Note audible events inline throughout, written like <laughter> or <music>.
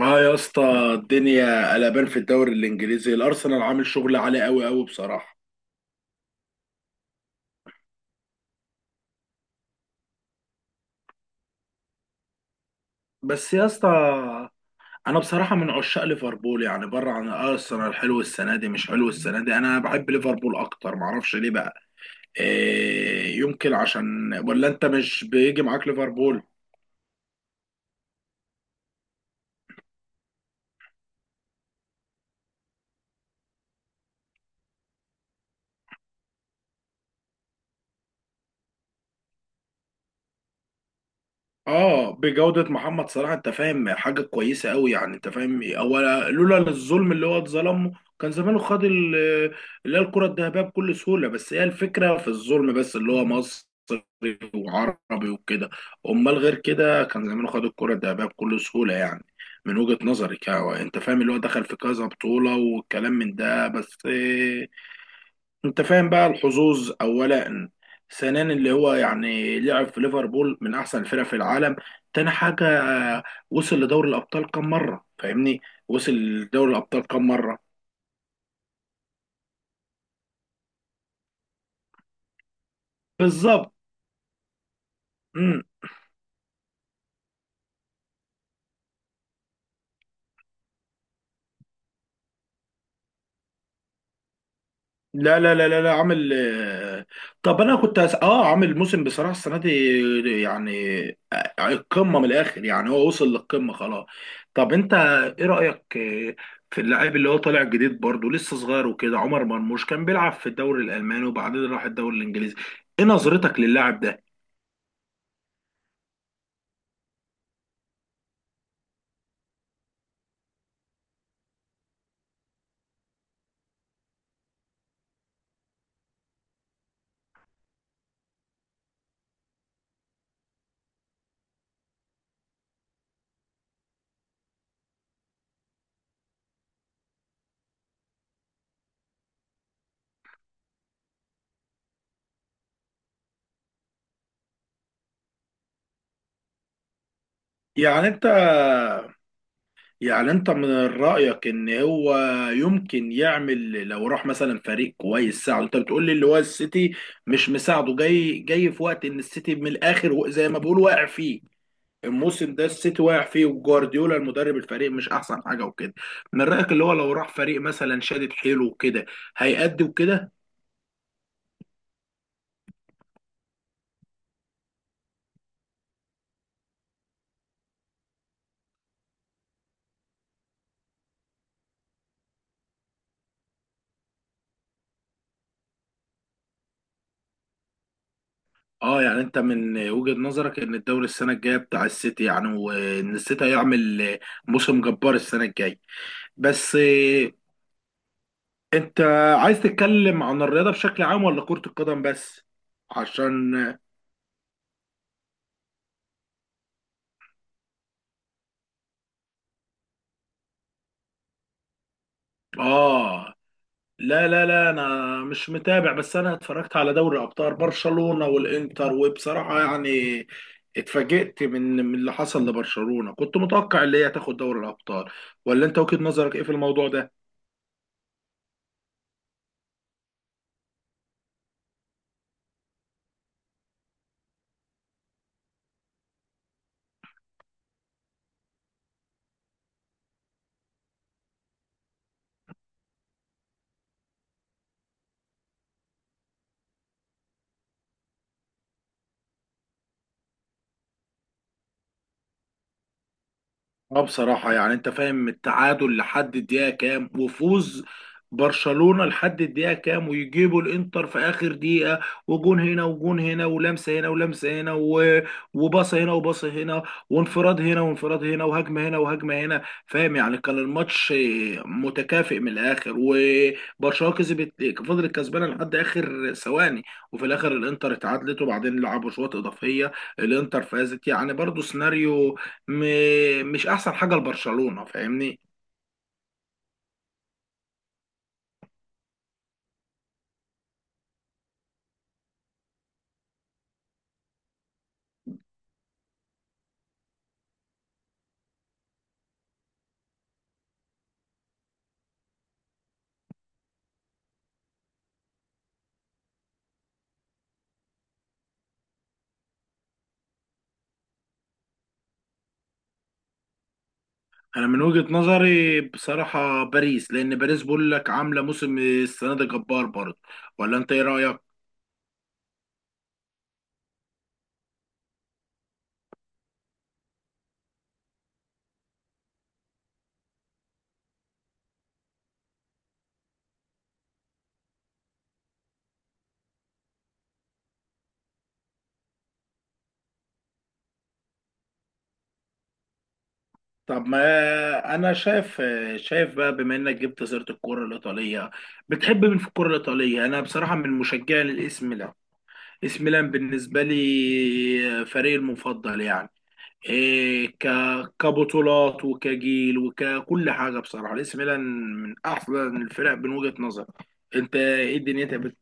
اه يا اسطى، الدنيا قلبان في الدوري الانجليزي. الارسنال عامل شغل عالي قوي قوي بصراحه. بس يا اسطى، انا بصراحه من عشاق ليفربول. يعني بره عن ارسنال، حلو السنه دي مش حلو السنه دي، انا بحب ليفربول اكتر معرفش ليه بقى. إيه يمكن عشان، ولا انت مش بيجي معاك ليفربول؟ اه، بجودة محمد صلاح انت فاهم حاجة كويسة قوي. يعني انت فاهم، اولا لولا الظلم اللي هو اتظلمه كان زمانه خد اللي هي الكرة الذهبية بكل سهولة. بس هي الفكرة في الظلم، بس اللي هو مصري وعربي وكده. امال غير كده كان زمانه خد الكرة الذهبية بكل سهولة يعني. من وجهة نظرك يعني، انت فاهم اللي هو دخل في كذا بطولة والكلام من ده. بس انت فاهم بقى، الحظوظ اولا، ثانيا اللي هو يعني لعب في ليفربول من احسن الفرق في العالم. تاني حاجه، آه، وصل لدوري الابطال كم مره؟ فاهمني، وصل لدوري الابطال كم مره. بالظبط. لا لا لا لا لا، عامل طب انا كنت هس... اه عامل موسم بصراحه السنه دي يعني. القمه من الاخر، يعني هو وصل للقمه خلاص. طب انت ايه رايك في اللاعب اللي هو طالع جديد برضه لسه صغير وكده، عمر مرموش كان بيلعب في الدوري الالماني وبعدين راح الدوري الانجليزي. ايه نظرتك للاعب ده؟ يعني انت، يعني انت من رأيك ان هو يمكن يعمل لو راح مثلا فريق كويس ساعده. انت بتقول لي اللي هو السيتي مش مساعده، جاي جاي في وقت ان السيتي من الاخر زي ما بيقول واقع فيه الموسم ده. السيتي واقع فيه وجوارديولا المدرب، الفريق مش احسن حاجة وكده. من رأيك اللي هو لو راح فريق مثلا شادد حيله وكده هيأدي وكده؟ اه يعني انت من وجهة نظرك ان الدوري السنة الجاية بتاع السيتي، يعني وان السيتي هيعمل موسم جبار السنة الجاية. بس انت عايز تتكلم عن الرياضة بشكل عام ولا كرة القدم بس؟ عشان اه. لا لا لا، انا مش متابع، بس انا اتفرجت على دوري ابطال برشلونة والانتر. وبصراحة يعني اتفاجئت من اللي حصل لبرشلونة، كنت متوقع اللي هي تاخد دوري الابطال. ولا انت وجهة نظرك ايه في الموضوع ده؟ اه بصراحة يعني انت فاهم، التعادل لحد الدقيقة كام وفوز برشلونة لحد الدقيقة كام، ويجيبوا الانتر في اخر دقيقة. وجون هنا وجون هنا، ولمسة هنا ولمسة هنا وباصة هنا وباصة هنا، وانفراد هنا وانفراد هنا، وهجمة هنا وهجمة هنا. فاهم يعني كان الماتش متكافئ من الاخر، وبرشلونة كسبت، فضلت كسبانة لحد اخر ثواني، وفي الاخر الانتر اتعادلت، وبعدين لعبوا شوط اضافية الانتر فازت. يعني برضو سيناريو م... مش احسن حاجه لبرشلونه، فاهمني. انا من وجهه نظري بصراحه باريس، لان باريس بقول لك عامله موسم السنه ده جبار برضه. ولا انت ايه رايك؟ طب ما انا شايف، شايف بقى، بما انك جبت سيره الكره الايطاليه، بتحب مين في الكره الايطاليه؟ انا بصراحه من مشجعي للاس ميلان، اس ميلان بالنسبه لي فريقي المفضل يعني. إيه كبطولات وكجيل وككل حاجه، بصراحه الانتر ميلان من احسن الفرق من وجهه نظري. انت ايه الدنيا انت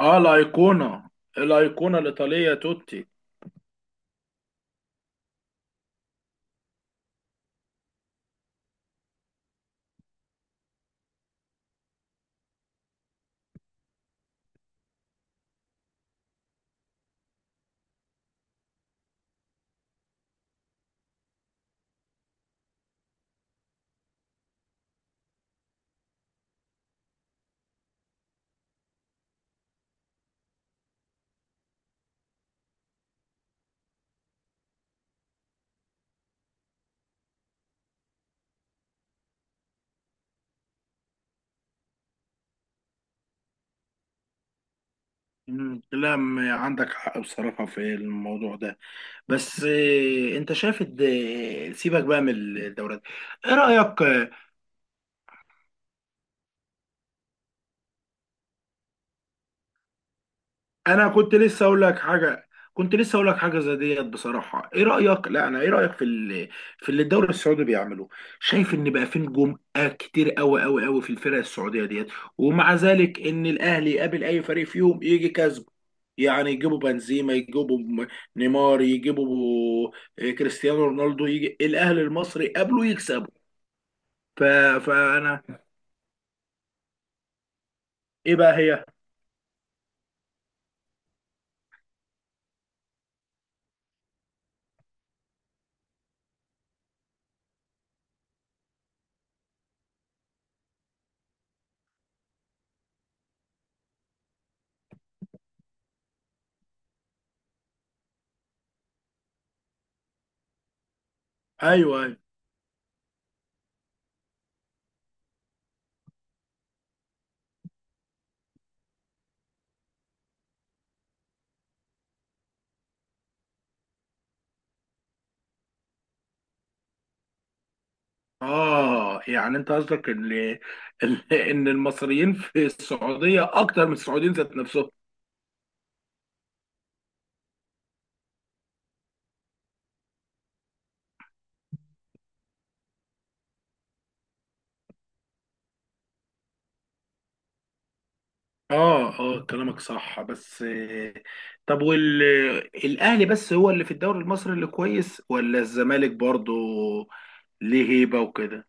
اه الايقونه، الايقونه الايطاليه توتي. لا عندك حق بصراحه في الموضوع ده. بس إيه، انت شايف سيبك بقى من الدورات. ايه رايك؟ انا كنت لسه اقول لك حاجه، كنت لسه اقول لك حاجه زي ديت بصراحه. ايه رايك؟ لا انا، ايه رايك في ال... في اللي الدوري السعودي بيعمله؟ شايف ان بقى في نجوم آه كتير قوي قوي قوي في الفرق السعوديه ديت. ومع ذلك ان الاهلي يقابل اي فريق فيهم يجي كسبه. يعني يجيبوا بنزيما، يجيبوا نيمار، يجيبوا كريستيانو رونالدو، يجي الاهلي المصري قابله يكسبه. ف... فانا، ايه بقى هي. ايوه أيوه. آه يعني أنت قصدك إن <laughs> إن المصريين في السعودية أكتر من السعوديين ذات نفسهم. آه آه كلامك صح بس طب والأهلي بس هو اللي في الدوري المصري اللي كويس ولا الزمالك برضه؟ ليه هيبة وكده؟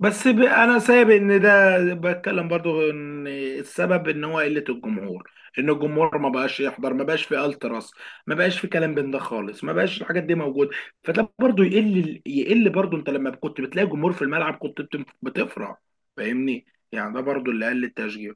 بس انا سايب ان ده بتكلم برضو، ان السبب ان هو قله الجمهور، ان الجمهور ما بقاش يحضر، ما بقاش في التراس، ما بقاش في كلام بين ده خالص، ما بقاش الحاجات دي موجوده. فده برضو يقل برضو. انت لما كنت بتلاقي جمهور في الملعب كنت بتفرح، فاهمني. يعني ده برضو اللي قل التشجيع.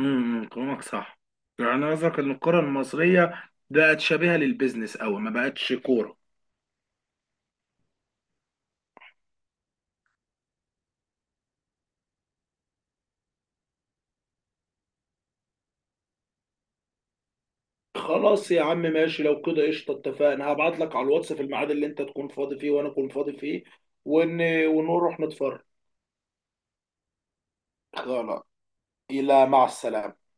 كلامك صح. يعني قصدك ان الكره المصريه بقت شبيهه للبيزنس قوي، ما بقتش كوره. خلاص يا عم ماشي، لو كده قشطه اتفقنا. هبعت لك على الواتس في الميعاد اللي انت تكون فاضي فيه وانا اكون فاضي فيه ونروح نتفرج. خلاص، الى مع السلامه.